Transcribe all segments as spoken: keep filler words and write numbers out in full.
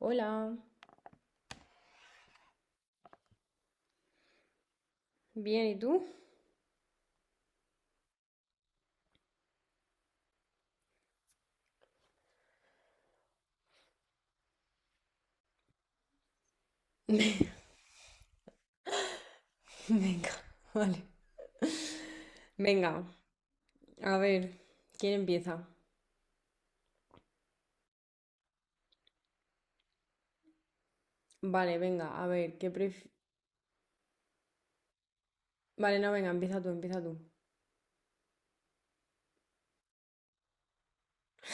Hola, bien, ¿y tú? Venga, vale. Venga, a ver, ¿quién empieza? Vale, venga, a ver, ¿qué pref... Vale, no, venga, empieza tú, empieza tú.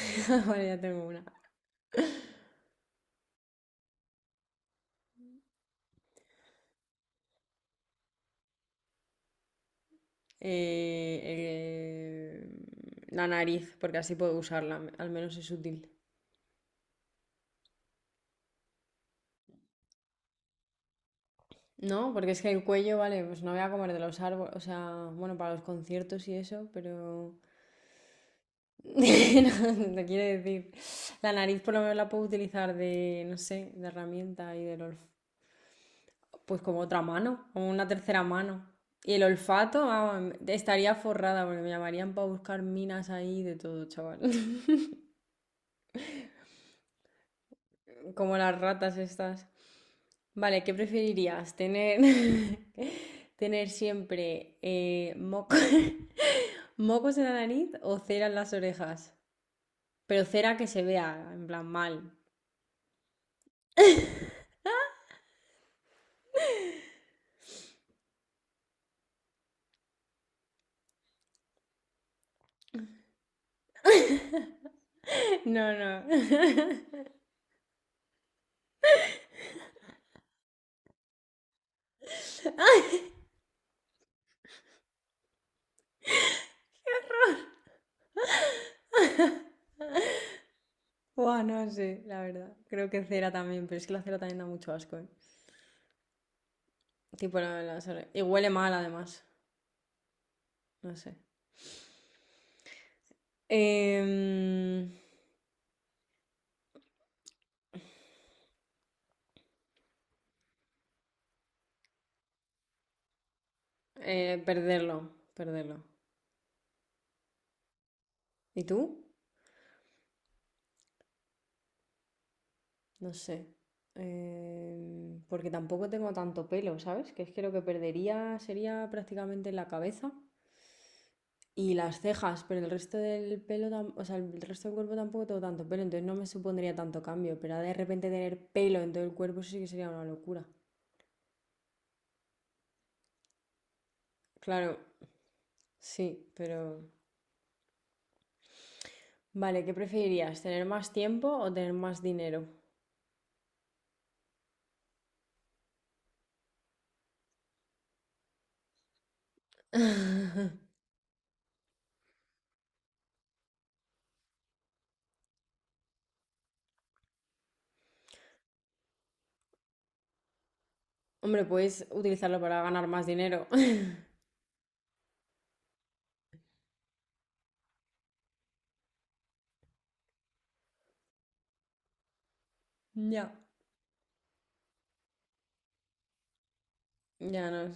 Vale, ya tengo una. Eh, eh, la nariz, porque así puedo usarla, al menos es útil. No, porque es que el cuello, vale, pues no voy a comer de los árboles, o sea, bueno, para los conciertos y eso, pero... no, te quiere decir, la nariz por lo menos la puedo utilizar de, no sé, de herramienta y del olfato. Pues como otra mano, o una tercera mano. Y el olfato, vamos, estaría forrada, porque me llamarían para buscar minas ahí de todo, chaval. Como las ratas estas. Vale, ¿qué preferirías? ¿Tener, tener siempre eh, moco- mocos en la nariz o cera en las orejas? Pero cera que se vea, en plan mal. No, no. Buah, no sé, la verdad. Creo que cera también, pero es que la cera también da mucho asco, ¿eh? Tipo la- las ore- y huele mal además. No sé. Em, eh, perderlo, perderlo. ¿Y tú? No sé. Em, porque tampoco tengo tanto pelo, ¿sabes? Que es que lo que perdería sería prácticamente la cabeza y las cejas, pero el resto del pelo, tam- o sea, el resto del cuerpo tampoco tengo tanto pelo, entonces no me supondría tanto cambio, pero de repente tener pelo en todo el cuerpo eso sí que sería una locura. Claro, sí, pero... Vale, ¿qué preferirías? ¿Tener más tiempo o tener más dinero? Hombre, puedes utilizarlo para ganar más dinero. Ya. Ya no es.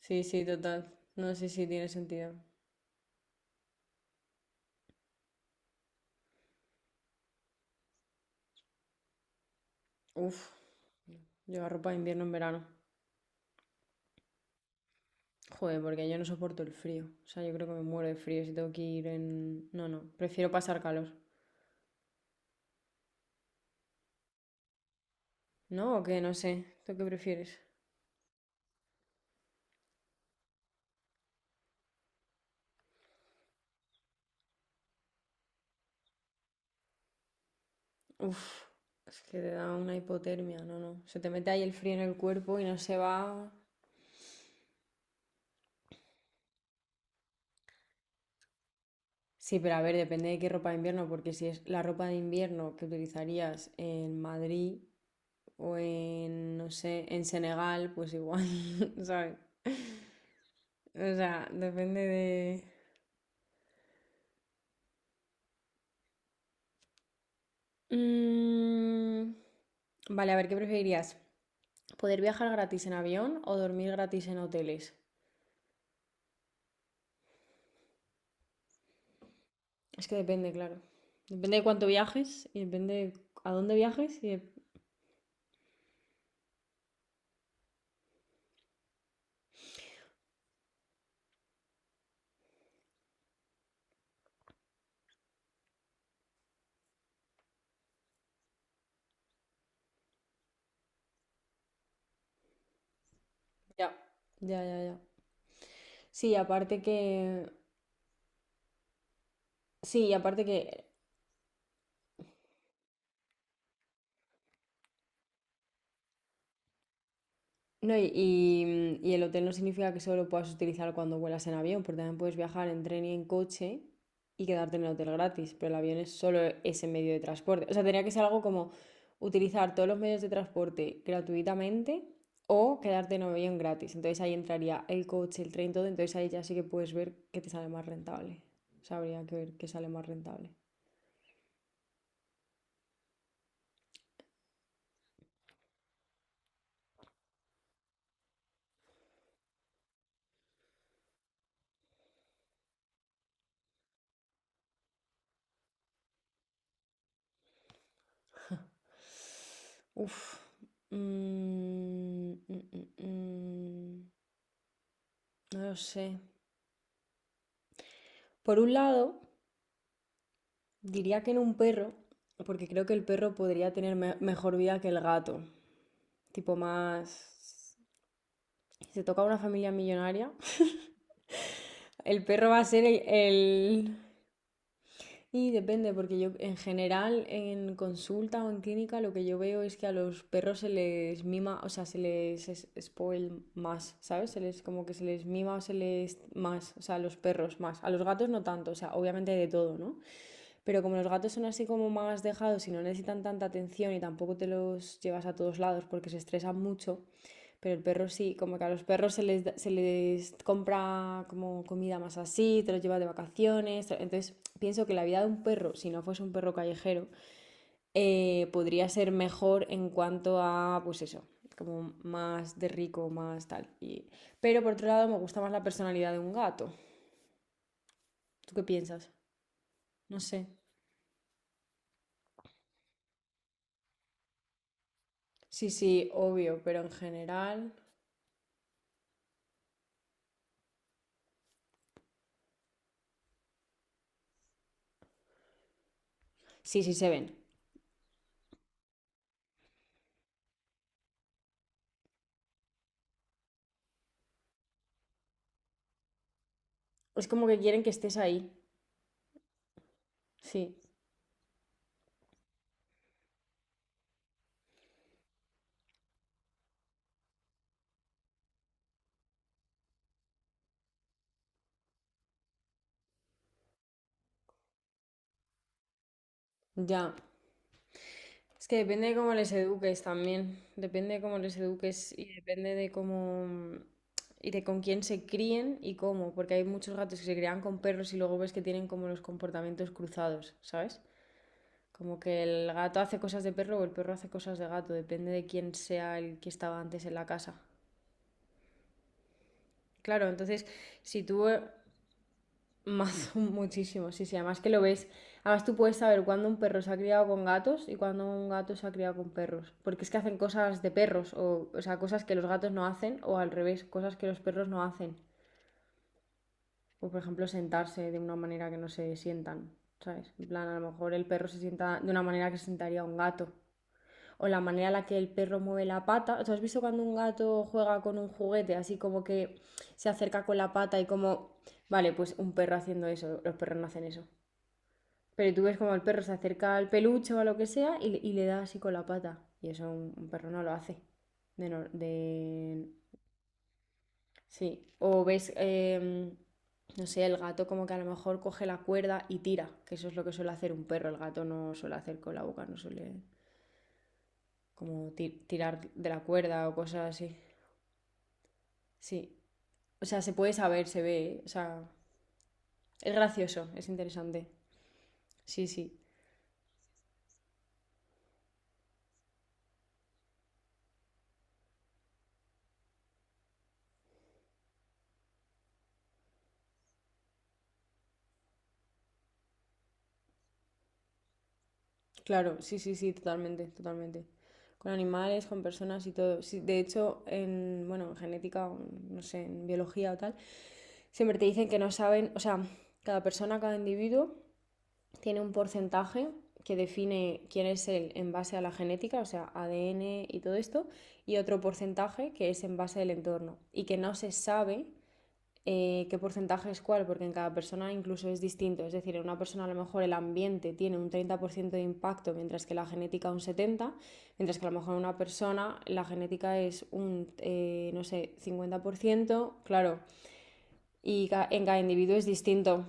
Sí, sí, total. No, sí, sí, tiene sentido. Uf, llevar ropa de invierno en verano. Joder, porque yo no soporto el frío. O sea, yo creo que me muero de frío si tengo que ir en... No, no, prefiero pasar calor. ¿No o qué? No sé. ¿Tú qué prefieres? Uf, es que te da una hipotermia. No, no. Se te mete ahí el frío en el cuerpo y no se va... Sí, pero a ver, depende de qué ropa de invierno, porque si es la ropa de invierno que utilizarías en Madrid, o en, no sé, en Senegal, pues igual, ¿sabes? O sea, depende de... Mm. Vale, a ver, ¿qué preferirías? ¿Poder viajar gratis en avión o dormir gratis en hoteles? Es que depende, claro. Depende de cuánto viajes y depende de a dónde viajes y... de- Ya, ya, ya, ya. Sí, aparte que... Sí, y aparte que... No, y, y- y el hotel no significa que solo lo puedas utilizar cuando vuelas en avión, porque también puedes viajar en tren y en coche y quedarte en el hotel gratis, pero el avión es solo ese medio de transporte. O sea, tendría que ser algo como utilizar todos los medios de transporte gratuitamente o quedarte en avión gratis. Entonces ahí entraría el coche, el tren, todo, entonces ahí ya sí que puedes ver qué te sale más rentable. O sea, habría que ver qué sale más rentable. Uf. Mm, mm, mm, mm. No lo sé. Por un lado, diría que en un perro, porque creo que el perro podría tener me- mejor vida que el gato. Tipo más... Si te toca una familia millonaria, el perro va a ser el... el- Y depende, porque yo en general en consulta o en clínica lo que yo veo es que a los perros se les mima, o sea, se les es- spoil más, ¿sabes? Se les como que se les mima o se les más, o sea, a los perros más. A los gatos no tanto, o sea, obviamente hay de todo, ¿no? Pero como los gatos son así como más dejados y no necesitan tanta atención y tampoco te los llevas a todos lados porque se estresan mucho, pero el perro sí, como que a los perros se les, se les compra como comida más así, te los llevas de vacaciones. Entonces pienso que la vida de un perro, si no fuese un perro callejero, eh, podría ser mejor en cuanto a, pues eso, como más de rico, más tal. Y... pero por otro lado me gusta más la personalidad de un gato. ¿Tú qué piensas? No sé. Sí, sí, obvio, pero en general. Sí, sí se ven. Es como que quieren que estés ahí. Sí, ya. Es que depende de cómo les eduques también. Depende de cómo les eduques y depende de cómo. Y de con quién se críen y cómo. Porque hay muchos gatos que se crían con perros y luego ves que tienen como los comportamientos cruzados, ¿sabes? Como que el gato hace cosas de perro o el perro hace cosas de gato. Depende de quién sea el que estaba antes en la casa. Claro, entonces, si tú... Más, muchísimo, sí, sí, además que lo ves. Además tú puedes saber cuándo un perro se ha criado con gatos y cuándo un gato se ha criado con perros. Porque es que hacen cosas de perros, o, o sea, cosas que los gatos no hacen, o al revés, cosas que los perros no hacen. O por ejemplo, sentarse de una manera que no se sientan, ¿sabes? En plan, a lo mejor el perro se sienta de una manera que se sentaría un gato. O la manera en la que el perro mueve la pata. ¿Tú has visto cuando un gato juega con un juguete, así como que se acerca con la pata y como... Vale, pues un perro haciendo eso, los perros no hacen eso. Pero tú ves como el perro se acerca al peluche o a lo que sea y, y le da así con la pata. Y eso un, un perro no lo hace. De, no- de- Sí. O ves, em, no sé, el gato como que a lo mejor coge la cuerda y tira. Que eso es lo que suele hacer un perro. El gato no suele hacer con la boca, no suele como ti- tirar de la cuerda o cosas así. Sí. O sea, se puede saber, se ve, ¿eh? O sea, es gracioso, es interesante. Sí, sí. Claro, sí, sí, sí, totalmente, totalmente. Con animales, con personas y todo. Sí, de hecho, en, bueno, en genética, o en, no sé, en biología o tal, siempre te dicen que no saben, o sea, cada persona, cada individuo tiene un porcentaje que define quién es él en base a la genética, o sea, A D N y todo esto, y otro porcentaje que es en base al entorno, y que no se sabe eh, qué porcentaje es cuál, porque en cada persona incluso es distinto. Es decir, en una persona a lo mejor el ambiente tiene un treinta por ciento de impacto, mientras que la genética un setenta por ciento, mientras que a lo mejor en una persona la genética es un, eh, no sé, cincuenta por ciento claro, y en cada individuo es distinto.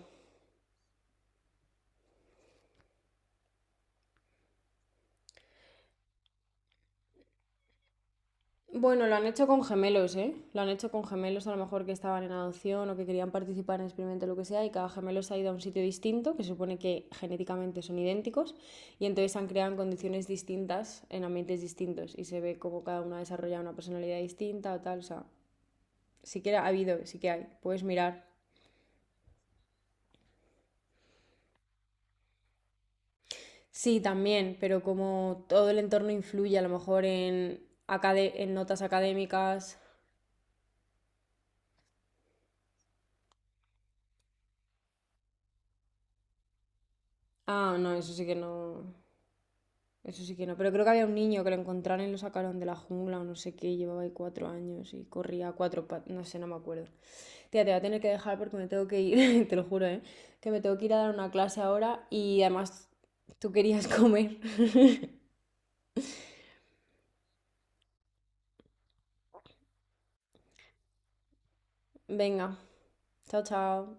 Bueno, lo han hecho con gemelos, ¿eh? Lo han hecho con gemelos, a lo mejor que estaban en adopción o que querían participar en el experimento, lo que sea, y cada gemelo se ha ido a un sitio distinto, que se supone que genéticamente son idénticos, y entonces se han creado en condiciones distintas, en ambientes distintos, y se ve cómo cada uno ha desarrollado una personalidad distinta o tal, o sea, sí que ha habido, sí que hay, puedes mirar. Sí, también, pero como todo el entorno influye, a lo mejor en, acade- en notas académicas. Ah, no, eso sí que no. Eso sí que no, pero creo que había un niño que lo encontraron y lo sacaron de la jungla o no sé qué, llevaba ahí cuatro años y corría a cuatro patas, no sé, no me acuerdo. Tía, te voy a tener que dejar porque me tengo que ir, te lo juro, ¿eh? Que me tengo que ir a dar una clase ahora y además tú querías comer. Venga, chao, chao.